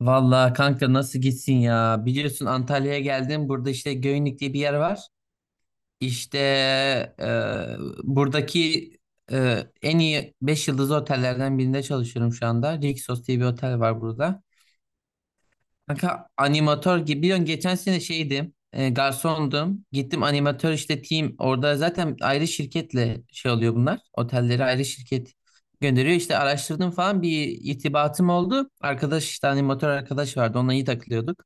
Vallahi kanka nasıl gitsin ya? Biliyorsun Antalya'ya geldim. Burada işte Göynük diye bir yer var. İşte e, buradaki en iyi 5 yıldızlı otellerden birinde çalışıyorum şu anda. Rixos diye bir otel var burada. Kanka animatör gibi. Biliyorsun geçen sene şeydim. Garsondum. Gittim animatör işte team. Orada zaten ayrı şirketle şey oluyor bunlar. Otelleri ayrı şirket gönderiyor. İşte araştırdım falan bir irtibatım oldu. Arkadaş işte animatör arkadaş vardı. Onunla iyi takılıyorduk.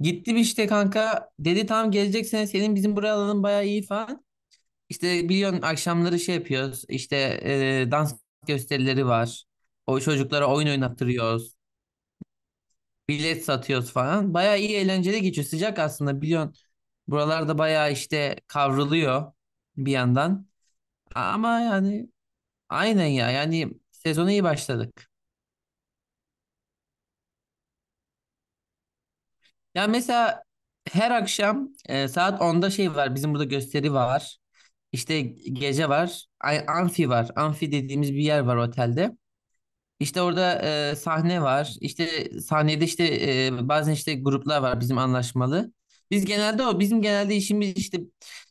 Gittim işte kanka. Dedi tamam gelecek sene senin bizim buraya alalım bayağı iyi falan. İşte biliyorsun akşamları şey yapıyoruz. İşte dans gösterileri var. O çocuklara oyun oynattırıyoruz. Bilet satıyoruz falan. Bayağı iyi eğlenceli geçiyor. Sıcak aslında biliyorsun. Buralarda bayağı işte kavruluyor bir yandan. Ama yani aynen ya. Yani sezona iyi başladık. Ya mesela her akşam saat onda şey var. Bizim burada gösteri var. İşte gece var. Ay, amfi var. Amfi dediğimiz bir yer var otelde. İşte orada sahne var. İşte sahnede işte bazen işte gruplar var bizim anlaşmalı. Biz genelde o bizim genelde işimiz işte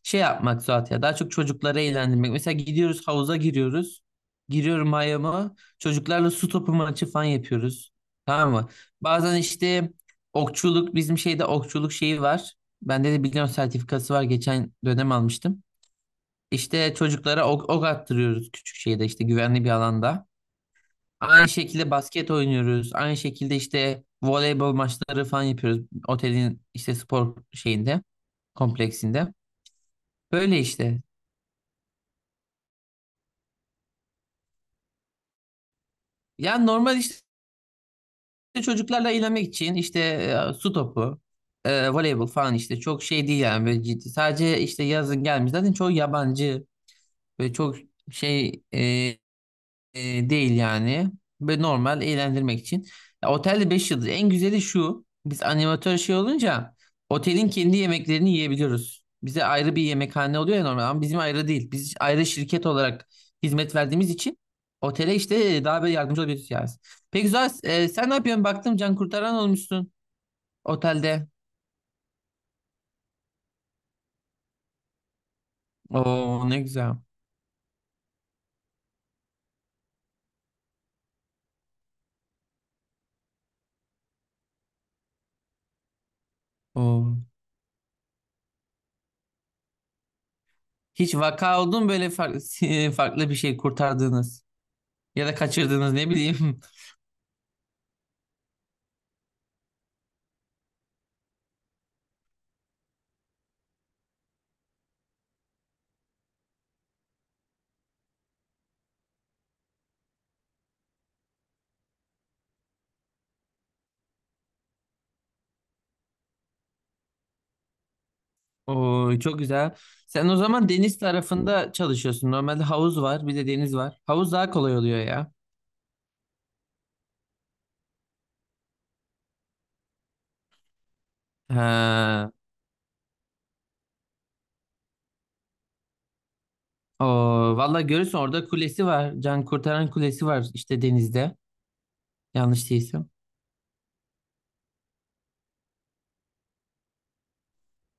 şey yapmak Suat ya daha çok çocukları eğlendirmek. Mesela gidiyoruz havuza giriyoruz. Giriyorum mayomu. Çocuklarla su topu maçı falan yapıyoruz. Tamam mı? Bazen işte okçuluk bizim şeyde okçuluk şeyi var. Bende de biliyorum sertifikası var. Geçen dönem almıştım. İşte çocuklara ok attırıyoruz küçük şeyde işte güvenli bir alanda. Aynı şekilde basket oynuyoruz. Aynı şekilde işte voleybol maçları falan yapıyoruz. Otelin işte spor şeyinde, kompleksinde. Böyle işte. Yani normal işte çocuklarla eğlenmek için işte su topu, voleybol falan işte çok şey değil yani böyle ciddi. Sadece işte yazın gelmiş. Zaten çoğu yabancı ve çok şey değil yani. Ve normal eğlendirmek için. Ya, otelde 5 yıldız. En güzeli şu. Biz animatör şey olunca otelin kendi yemeklerini yiyebiliyoruz. Bize ayrı bir yemekhane oluyor ya normal ama bizim ayrı değil. Biz ayrı şirket olarak hizmet verdiğimiz için otele işte daha böyle yardımcı olabiliriz yani. Peki güzel. E, sen ne yapıyorsun? Baktım can kurtaran olmuşsun otelde. Oo, ne güzel. Oo. Hiç vaka oldu mu böyle farklı, farklı bir şey kurtardığınız ya da kaçırdığınız ne bileyim. Oo, çok güzel. Sen o zaman deniz tarafında çalışıyorsun. Normalde havuz var, bir de deniz var. Havuz daha kolay oluyor ya. Ha. O valla görürsün orada kulesi var. Can kurtaran kulesi var işte denizde. Yanlış değilsem.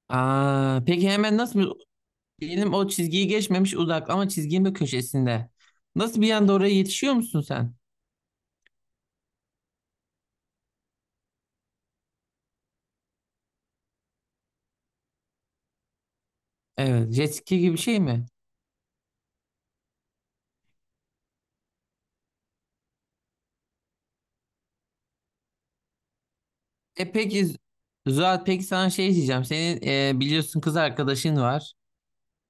Aa, peki hemen nasıl diyelim o çizgiyi geçmemiş uzak ama çizginin bir köşesinde. Nasıl bir anda oraya yetişiyor musun sen? Evet, jet ski gibi bir şey mi? E peki Zuhat, peki sana şey diyeceğim. Senin biliyorsun kız arkadaşın var.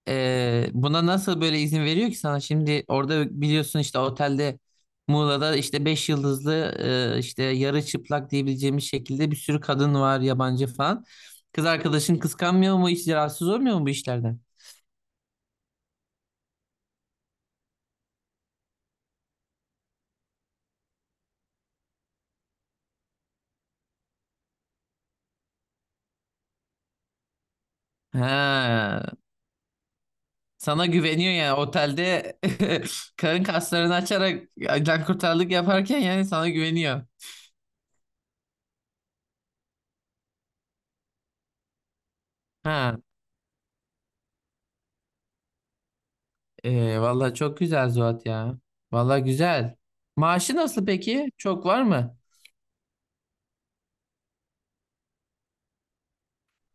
Buna nasıl böyle izin veriyor ki sana? Şimdi orada biliyorsun işte otelde, Muğla'da işte 5 yıldızlı işte yarı çıplak diyebileceğimiz şekilde bir sürü kadın var yabancı falan. Kız arkadaşın kıskanmıyor mu? Hiç rahatsız olmuyor mu bu işlerden? Ha, sana güveniyor yani otelde karın kaslarını açarak can kurtarlık yaparken yani sana güveniyor. Ha, vallahi çok güzel Zuhat ya. Vallahi güzel. Maaşı nasıl peki? Çok var mı?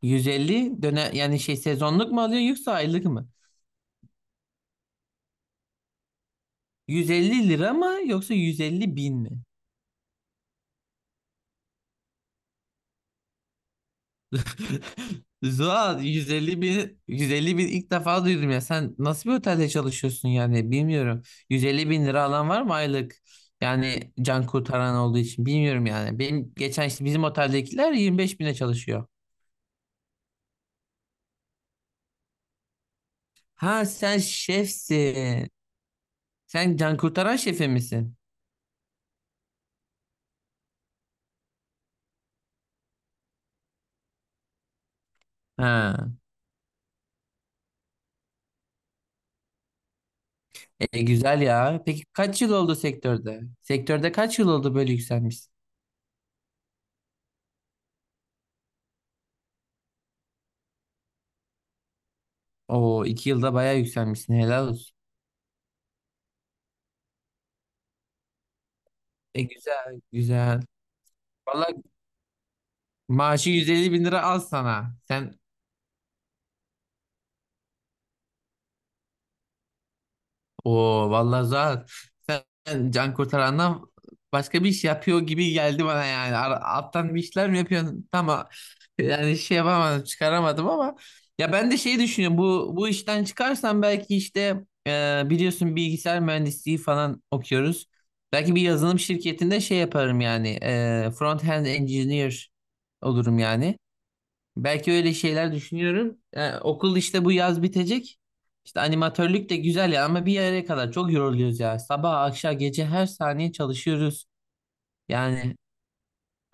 150 döne yani şey, sezonluk mu alıyor yoksa aylık mı? 150 lira mı yoksa 150 bin mi? Zuhal, 150 bin, 150 bin ilk defa duydum ya, sen nasıl bir otelde çalışıyorsun yani bilmiyorum. 150 bin lira alan var mı aylık? Yani can kurtaran olduğu için bilmiyorum yani, benim geçen işte bizim oteldekiler 25 bine çalışıyor. Ha, sen şefsin, sen can kurtaran şefi misin? Ha. E, güzel ya. Peki kaç yıl oldu sektörde? Sektörde kaç yıl oldu, böyle yükselmişsin? Oo, iki yılda bayağı yükselmişsin. Helal olsun. E, güzel, güzel. Valla maaşı 150 bin lira al sana. Oo vallahi Zuhat, sen can kurtarandan başka bir iş yapıyor gibi geldi bana yani. Alttan bir işler mi yapıyorsun? Tamam. Yani şey yapamadım, çıkaramadım ama ya ben de şey düşünüyorum. Bu işten çıkarsam belki işte biliyorsun bilgisayar mühendisliği falan okuyoruz. Belki bir yazılım şirketinde şey yaparım yani. E, front end engineer olurum yani. Belki öyle şeyler düşünüyorum. Yani okul işte bu yaz bitecek. İşte animatörlük de güzel ya ama bir yere kadar çok yoruluyoruz ya. Sabah, akşam, gece her saniye çalışıyoruz. Yani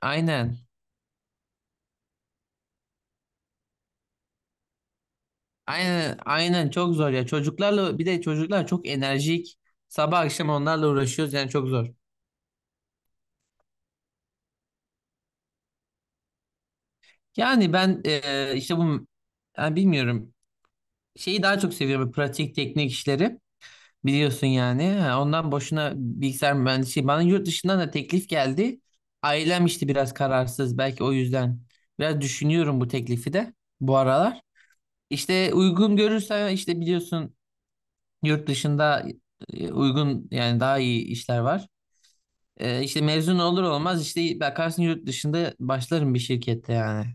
aynen. Aynen, aynen çok zor ya. Çocuklarla bir de çocuklar çok enerjik. Sabah akşam onlarla uğraşıyoruz yani çok zor. Yani ben işte bu yani bilmiyorum. Şeyi daha çok seviyorum, pratik teknik işleri. Biliyorsun yani. Ha, ondan boşuna bilgisayar mühendisliği. Bana yurt dışından da teklif geldi. Ailem işte biraz kararsız. Belki o yüzden biraz düşünüyorum bu teklifi de bu aralar. İşte uygun görürsen işte biliyorsun yurt dışında uygun yani, daha iyi işler var. E, işte mezun olur olmaz işte bakarsın yurt dışında başlarım bir şirkette yani.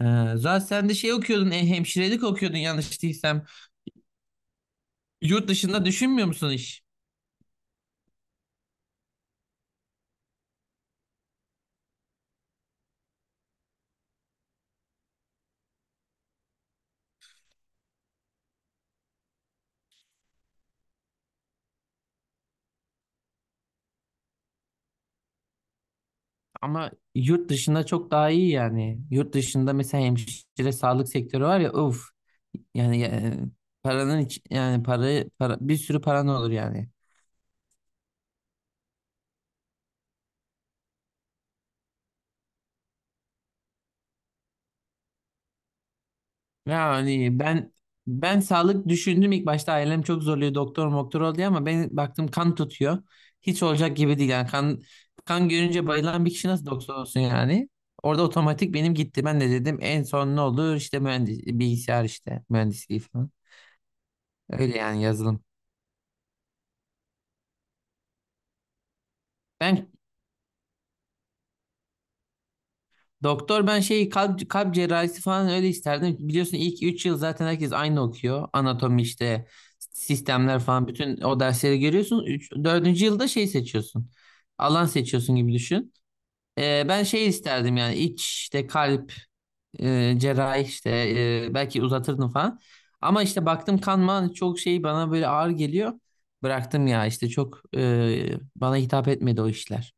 E, zaten sen de şey okuyordun, hemşirelik okuyordun yanlış değilsem. Yurt dışında düşünmüyor musun hiç? Ama yurt dışında çok daha iyi yani. Yurt dışında mesela hemşire, sağlık sektörü var ya, uf. Yani paranın yani para bir sürü paran olur yani. Yani ben sağlık düşündüm ilk başta, ailem çok zorluyor doktor moktor ol diye ama ben baktım kan tutuyor. Hiç olacak gibi değil yani, kan görünce bayılan bir kişi nasıl doktor olsun yani. Orada otomatik benim gitti. Ben de dedim en son ne olur işte mühendis, bilgisayar işte mühendisliği falan. Öyle yani, yazılım. Ben doktor, ben şeyi kalp cerrahisi falan öyle isterdim. Biliyorsun ilk 3 yıl zaten herkes aynı okuyor. Anatomi işte sistemler falan bütün o dersleri görüyorsun. Üç dördüncü yılda şey seçiyorsun. Alan seçiyorsun gibi düşün. Ben şey isterdim yani iç işte kalp cerrahi işte belki uzatırdım falan. Ama işte baktım kanma çok şey bana böyle ağır geliyor. Bıraktım ya işte, çok bana hitap etmedi o işler.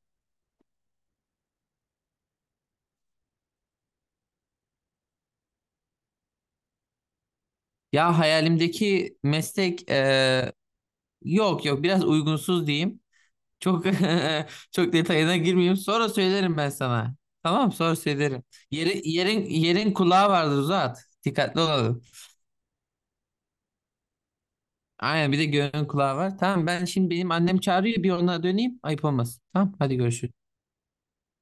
Ya hayalimdeki meslek yok yok, biraz uygunsuz diyeyim. Çok çok detayına girmeyeyim. Sonra söylerim ben sana. Tamam, sonra söylerim. Yerin kulağı vardır, uzat. Dikkatli olalım. Aynen, bir de göğün kulağı var. Tamam, ben şimdi benim annem çağırıyor bir ona döneyim. Ayıp olmasın. Tamam hadi görüşürüz.